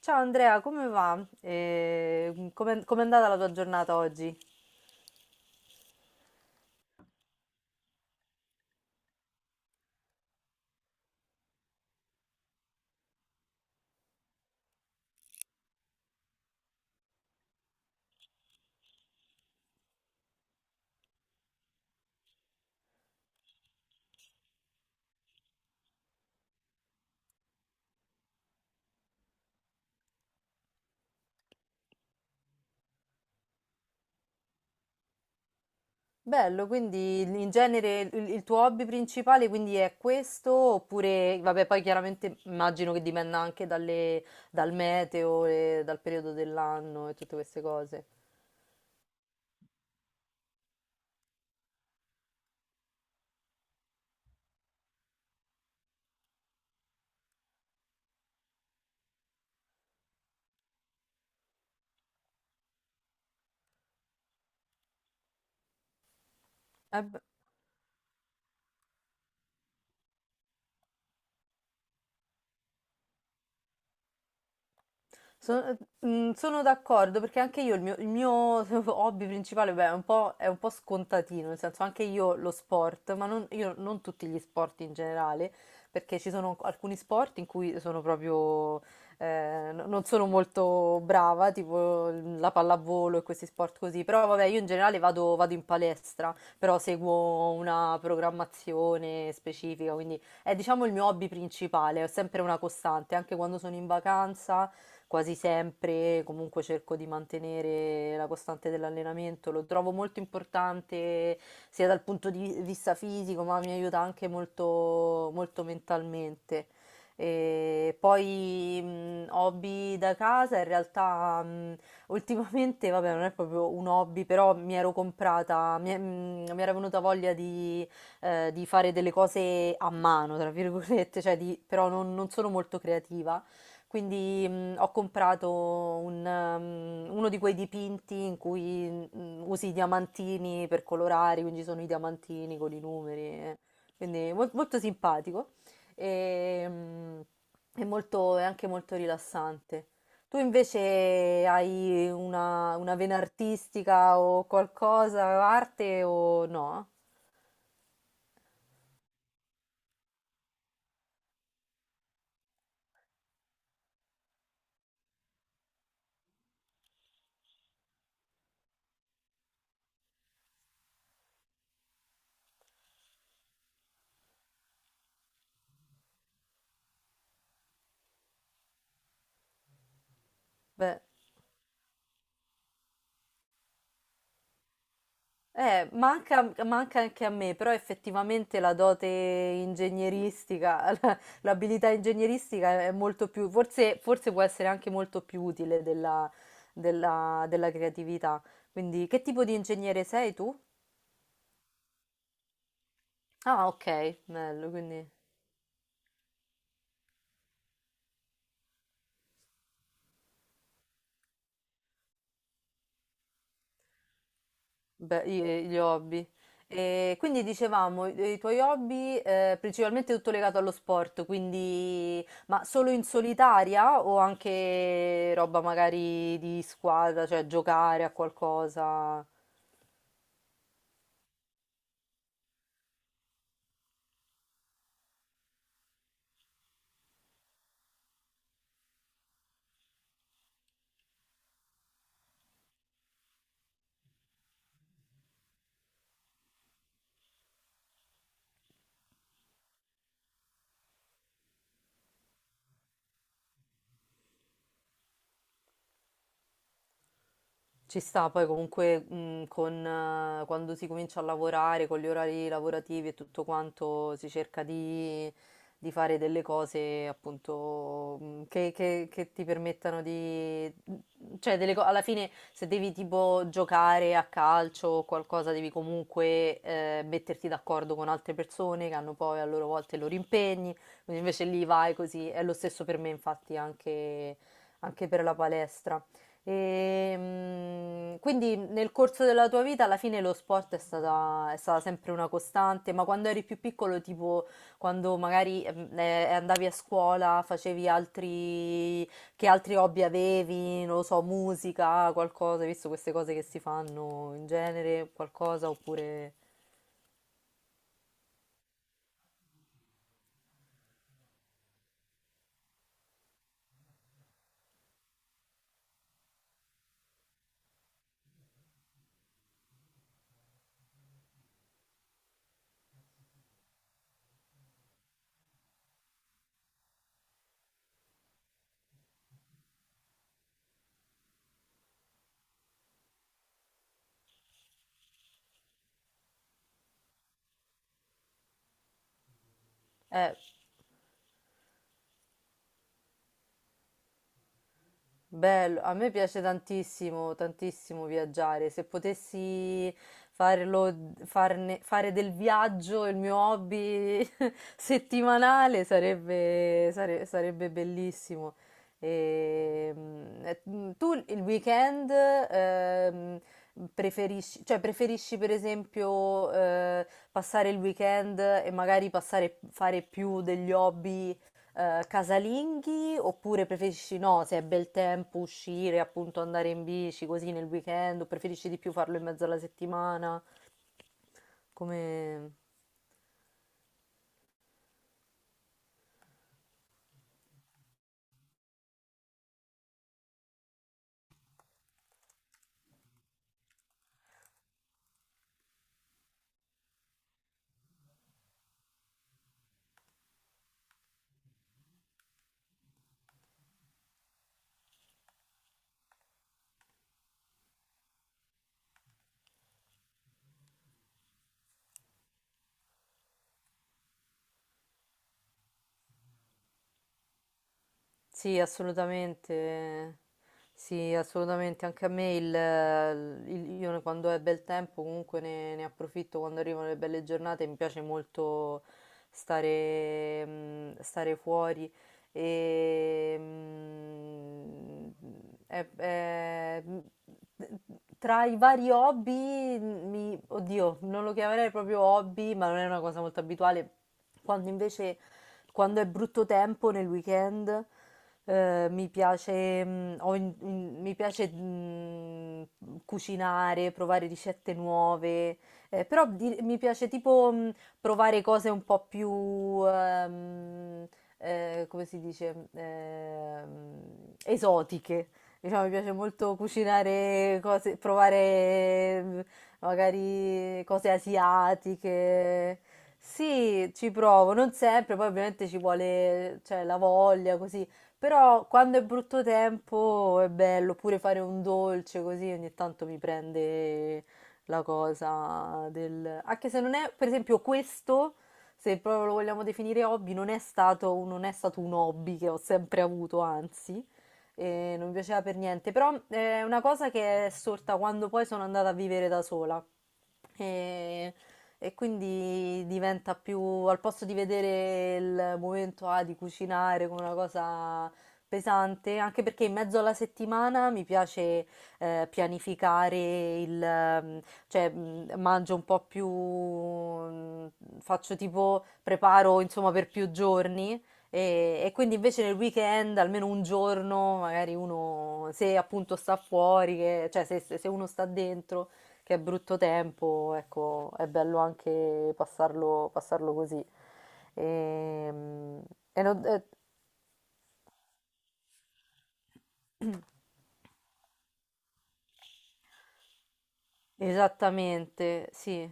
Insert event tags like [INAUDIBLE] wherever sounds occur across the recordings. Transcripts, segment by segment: Ciao Andrea, come va? Com'è andata la tua giornata oggi? Bello, quindi in genere il tuo hobby principale quindi è questo, oppure, vabbè, poi chiaramente immagino che dipenda anche dal meteo e dal periodo dell'anno e tutte queste cose. Sono, Sono d'accordo perché anche io il mio [LAUGHS] hobby principale beh, è è un po' scontatino, nel senso anche io lo sport, ma non, io non tutti gli sport in generale, perché ci sono alcuni sport in cui sono proprio, no- non sono molto brava, tipo la pallavolo e questi sport così, però vabbè io in generale vado in palestra, però seguo una programmazione specifica, quindi è diciamo il mio hobby principale, è sempre una costante, anche quando sono in vacanza quasi sempre, comunque cerco di mantenere la costante dell'allenamento, lo trovo molto importante sia dal punto di vista fisico, ma mi aiuta anche molto, molto mentalmente. E poi hobby da casa, in realtà ultimamente, vabbè, non è proprio un hobby, però mi ero mi era venuta voglia di fare delle cose a mano, tra virgolette, però non sono molto creativa quindi, ho comprato un uno di quei dipinti in cui, usi i diamantini per colorare, quindi sono i diamantini con i numeri, eh. Quindi molto simpatico, ehm, e è anche molto rilassante. Tu invece hai una vena artistica o qualcosa, arte o no? Beh, manca, manca anche a me, però effettivamente la dote ingegneristica, [LAUGHS] l'abilità ingegneristica è molto più, forse, forse può essere anche molto più utile della, della creatività. Quindi, che tipo di ingegnere sei tu? Ah, ok, bello, quindi... Beh, gli hobby. E quindi dicevamo, i tuoi hobby principalmente tutto legato allo sport, quindi ma solo in solitaria o anche roba magari di squadra, cioè giocare a qualcosa? Ci sta, poi comunque quando si comincia a lavorare, con gli orari lavorativi e tutto quanto, si cerca di fare delle cose appunto che ti permettano di... alla fine se devi tipo giocare a calcio o qualcosa devi comunque metterti d'accordo con altre persone che hanno poi a loro volta i loro impegni, quindi invece lì vai così, è lo stesso per me infatti anche per la palestra. E, quindi nel corso della tua vita alla fine lo sport è stata sempre una costante, ma quando eri più piccolo, tipo quando magari andavi a scuola, che altri hobby avevi, non lo so, musica, qualcosa, hai visto queste cose che si fanno in genere, qualcosa oppure... Eh, bello, a me piace tantissimo, tantissimo viaggiare. Se potessi farlo, fare del viaggio il mio hobby [LAUGHS] settimanale sarebbe bellissimo. Tu il weekend cioè preferisci per esempio passare il weekend e fare più degli hobby casalinghi oppure preferisci no, se è bel tempo uscire, appunto andare in bici così nel weekend o preferisci di più farlo in mezzo alla settimana? Come... Sì, assolutamente. Sì, assolutamente. Anche a me io quando è bel tempo comunque ne approfitto quando arrivano le belle giornate. Mi piace molto stare fuori e è- è- mm, tra i vari hobby, mi, oddio, non lo chiamerei proprio hobby, ma non è una cosa molto abituale. Quando invece Quando è brutto tempo nel weekend, mi piace, mi piace cucinare, provare ricette nuove, mi piace tipo provare cose un come si dice, esotiche. Diciamo, mi piace molto provare magari cose asiatiche. Sì, ci provo, non sempre, poi ovviamente ci vuole, cioè, la voglia, così. Però quando è brutto tempo è bello, oppure fare un dolce così ogni tanto mi prende la cosa del... Anche se non è, per esempio, questo, se proprio lo vogliamo definire hobby, non è stato un hobby che ho sempre avuto, anzi e non mi piaceva per niente, però è una cosa che è sorta quando poi sono andata a vivere da sola e, e quindi diventa più, al posto di vedere il momento ah, di cucinare come una cosa pesante, anche perché in mezzo alla settimana mi piace pianificare il, cioè mangio un po' faccio tipo, preparo insomma per più giorni e quindi invece nel weekend, almeno un giorno, magari uno, se appunto sta fuori, cioè se uno sta dentro, che è brutto tempo, ecco, è bello anche passarlo così. Ehm, E, non- eh, Esattamente, sì.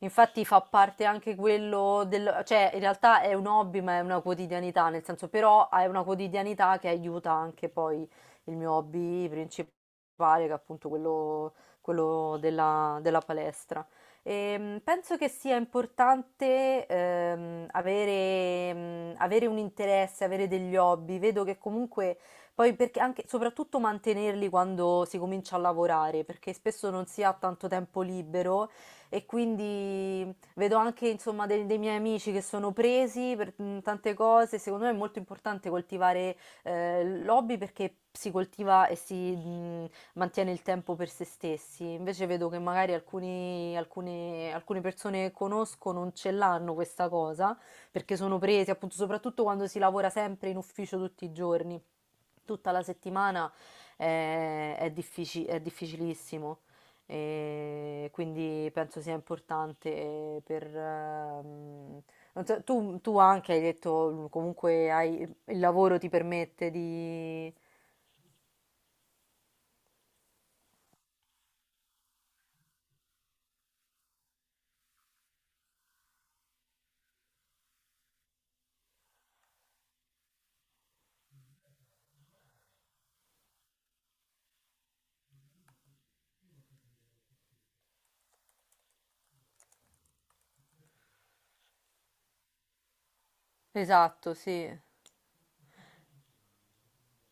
Infatti fa parte anche quello del... cioè in realtà è un hobby ma è una quotidianità, nel senso però è una quotidianità che aiuta anche poi il mio hobby principale, che è appunto quello, quello della, della palestra. Penso che sia importante avere un interesse, avere degli hobby. Vedo che comunque poi perché anche, soprattutto mantenerli quando si comincia a lavorare, perché spesso non si ha tanto tempo libero e quindi vedo anche insomma dei miei amici che sono presi per tante cose. Secondo me è molto importante coltivare l'hobby perché si coltiva e si mantiene il tempo per se stessi. Invece vedo che magari alcune persone che conosco non ce l'hanno questa cosa perché sono presi, appunto, soprattutto quando si lavora sempre in ufficio tutti i giorni. Tutta la settimana è difficilissimo, e quindi penso sia importante per... non so, tu anche hai detto, il lavoro ti permette di... Esatto, sì.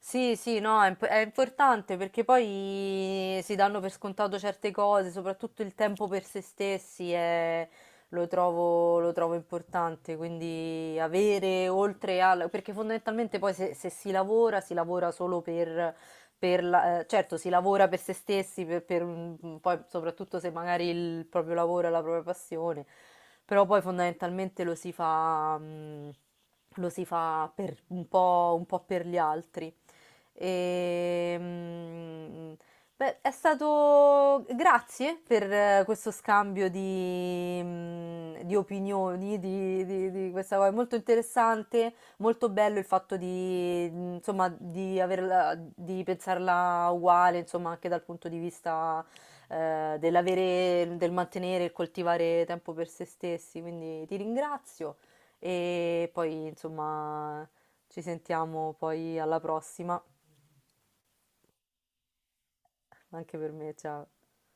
Sì, sì, no, è, imp- È importante perché poi si danno per scontato certe cose, soprattutto il tempo per se stessi è- lo trovo importante, quindi avere oltre al... perché fondamentalmente poi se si lavora, si lavora solo per... certo, si lavora per se stessi, poi soprattutto se magari il proprio lavoro è la propria passione, però poi fondamentalmente lo si fa, lo si fa per un po' per gli altri. E, mm, Beh, è stato... Grazie per questo scambio di, di opinioni, di questa cosa. È molto interessante, molto bello il fatto di, insomma, di averla, di pensarla uguale, insomma, anche dal punto di vista, dell'avere, del mantenere e coltivare tempo per se stessi. Quindi ti ringrazio e poi, insomma, ci sentiamo poi alla prossima. Anche per me, ciao.